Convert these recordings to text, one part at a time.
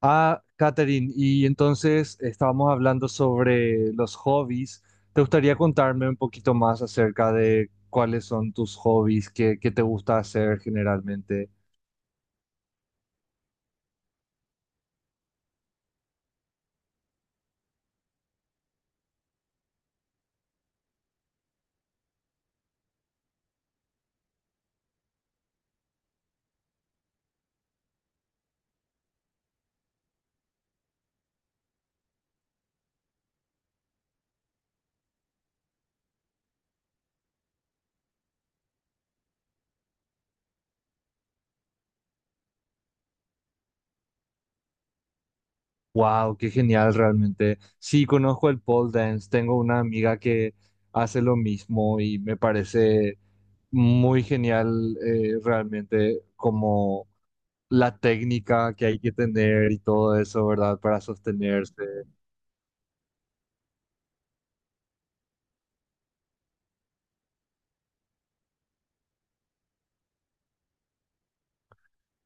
Ah, Katherine, y entonces estábamos hablando sobre los hobbies. ¿Te gustaría contarme un poquito más acerca de cuáles son tus hobbies, qué te gusta hacer generalmente? Wow, qué genial realmente. Sí, conozco el pole dance, tengo una amiga que hace lo mismo y me parece muy genial realmente como la técnica que hay que tener y todo eso, ¿verdad? Para sostenerse.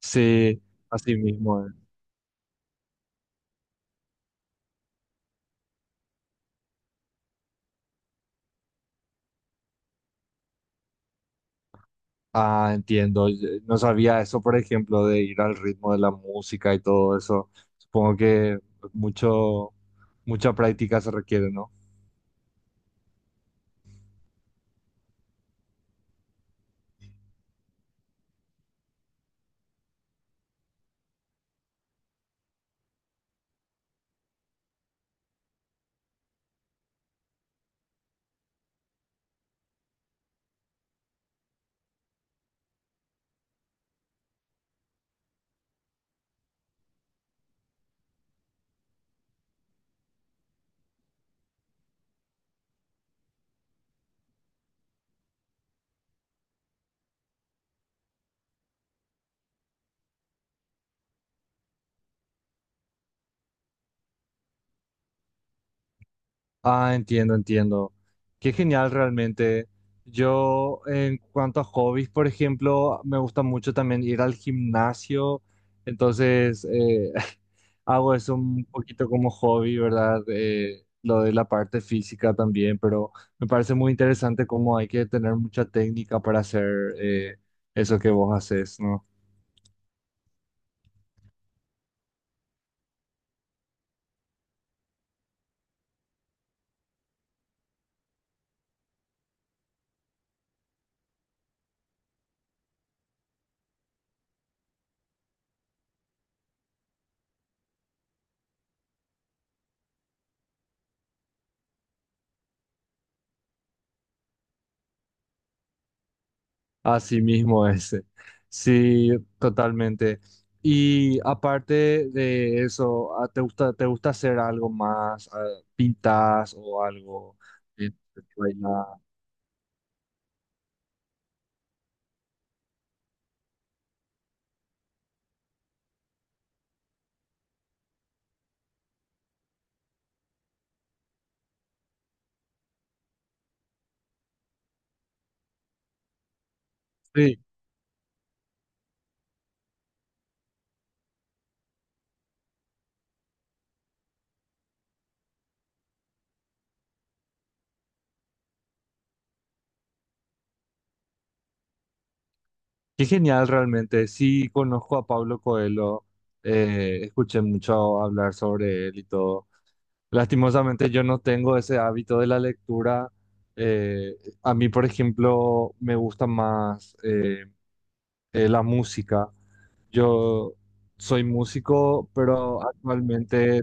Sí, así mismo. Ah, entiendo. Yo no sabía eso, por ejemplo, de ir al ritmo de la música y todo eso. Supongo que mucho, mucha práctica se requiere, ¿no? Ah, entiendo, entiendo. Qué genial realmente. Yo, en cuanto a hobbies, por ejemplo, me gusta mucho también ir al gimnasio. Entonces, hago eso un poquito como hobby, ¿verdad? Lo de la parte física también, pero me parece muy interesante cómo hay que tener mucha técnica para hacer eh, eso que vos haces, ¿no? Así mismo ese. Sí, totalmente. Y aparte de eso, ah, ¿te gusta hacer algo más? Ah, ¿pintas o algo? Eh, bailar. Sí, qué genial realmente. Sí, conozco a Pablo Coelho. Eh, escuché mucho hablar sobre él y todo. Lastimosamente yo no tengo ese hábito de la lectura. Eh, a mí, por ejemplo, me gusta más la música. Yo soy músico, pero actualmente,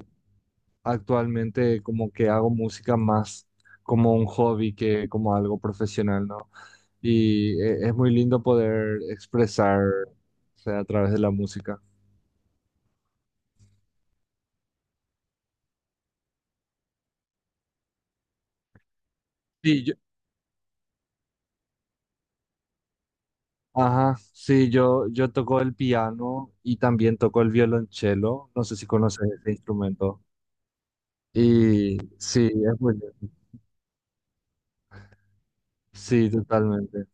actualmente como que hago música más como un hobby que como algo profesional, ¿no? Y es muy lindo poder expresar, o sea, a través de la música. Sí, yo, ajá, sí, yo toco el piano y también toco el violonchelo. No sé si conoces ese instrumento. Y sí, es muy lindo. Sí, totalmente.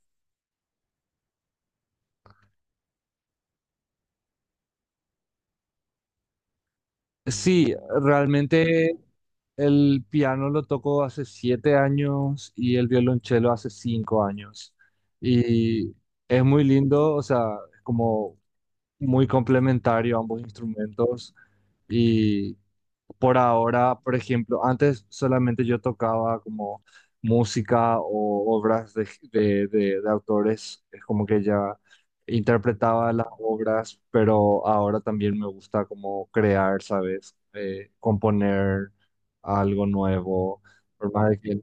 Sí, realmente el piano lo toco hace 7 años y el violonchelo hace 5 años. Y es muy lindo, o sea, es como muy complementario ambos instrumentos. Y por ahora, por ejemplo, antes solamente yo tocaba como música o obras de autores, es como que ya interpretaba las obras, pero ahora también me gusta como crear, ¿sabes? Componer algo nuevo, por más de que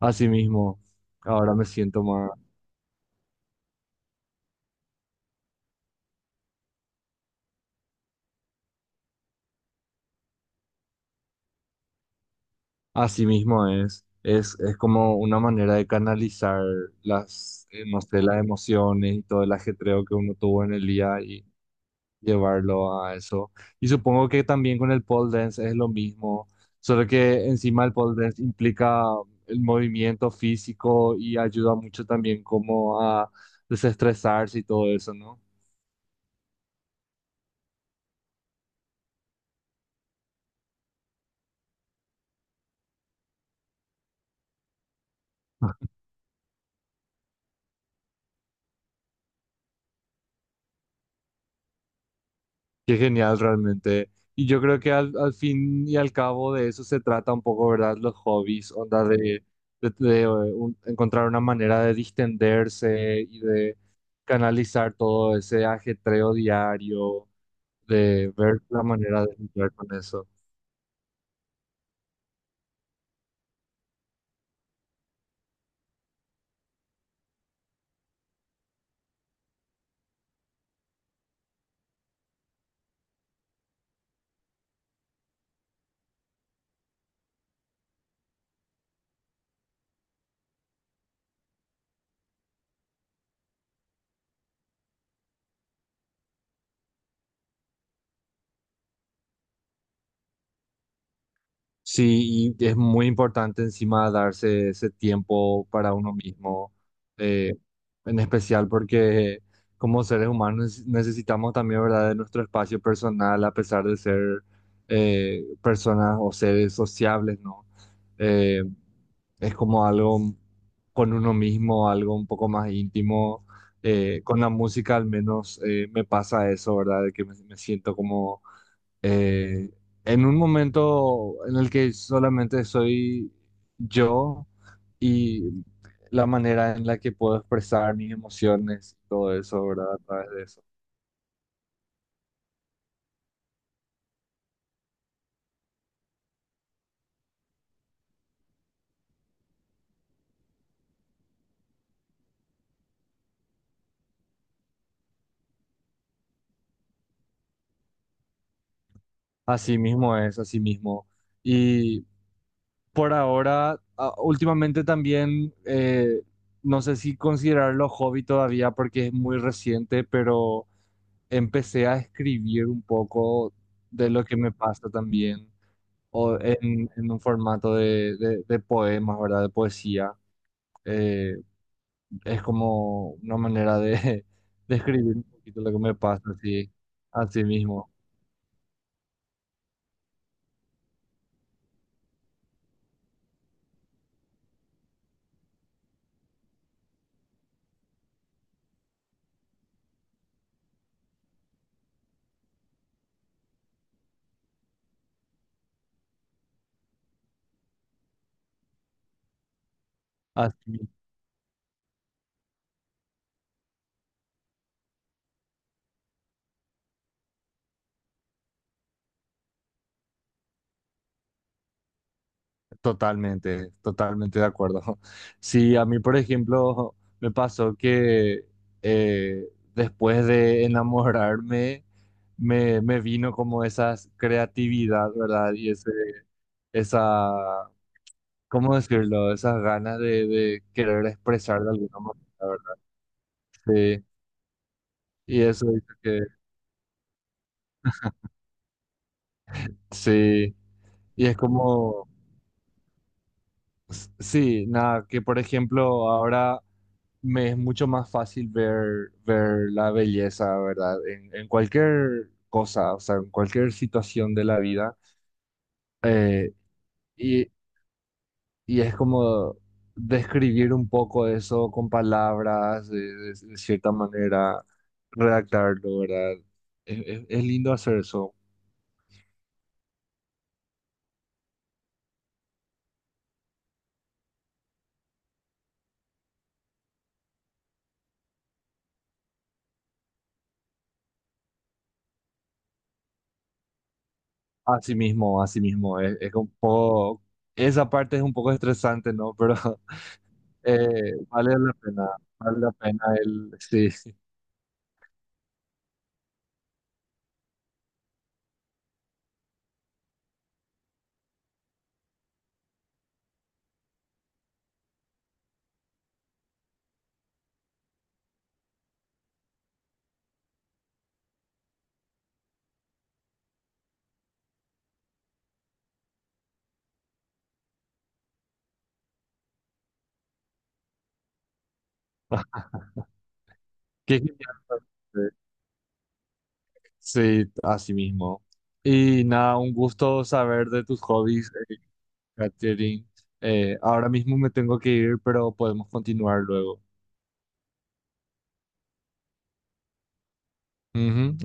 así mismo, ahora me siento más, así mismo es, es como una manera de canalizar las, no sé, las emociones y todo el ajetreo que uno tuvo en el día llevarlo a eso. Y supongo que también con el pole dance es lo mismo, solo que encima el pole dance implica el movimiento físico y ayuda mucho también como a desestresarse y todo eso, ¿no? Ah, qué genial realmente. Y yo creo que al fin y al cabo de eso se trata un poco, ¿verdad? Los hobbies, onda de, encontrar una manera de distenderse y de canalizar todo ese ajetreo diario de ver la manera de lidiar con eso. Sí, y es muy importante encima darse ese tiempo para uno mismo, eh, en especial porque como seres humanos necesitamos también, ¿verdad?, de nuestro espacio personal a pesar de ser personas o seres sociables, ¿no? Eh, es como algo con uno mismo, algo un poco más íntimo. Con la música al menos me pasa eso, ¿verdad? De que me siento como eh, en un momento en el que solamente soy yo y la manera en la que puedo expresar mis emociones, y todo eso, ¿verdad? A través de eso. Así mismo es, así mismo. Y por ahora, últimamente también, no sé si considerarlo hobby todavía porque es muy reciente, pero empecé a escribir un poco de lo que me pasa también, o en un formato de, poemas, ¿verdad? De poesía. Eh, es como una manera de, de escribir un poquito lo que me pasa, así, así mismo. Así, totalmente, totalmente de acuerdo. Sí, a mí, por ejemplo, me pasó que eh, después de enamorarme, me vino como esa creatividad, ¿verdad? Y ese, esa, ¿cómo decirlo? Esas ganas de querer expresar de alguna manera, la, ¿verdad? Sí, y eso dice que sí, y es como, sí, nada, que por ejemplo ahora me es mucho más fácil ver, ver la belleza, ¿verdad? En cualquier cosa, o sea, en cualquier situación de la vida. Eh, y es como describir un poco eso con palabras, de, de cierta manera, redactarlo, ¿verdad? Es, es lindo hacer eso. Así mismo, así mismo. Es un poco, esa parte es un poco estresante, ¿no? Pero eh, vale la pena, vale la pena el... Sí, qué genial. Sí, así mismo. Y nada, un gusto saber de tus hobbies, Katherine. Ahora mismo me tengo que ir, pero podemos continuar luego. Ujú.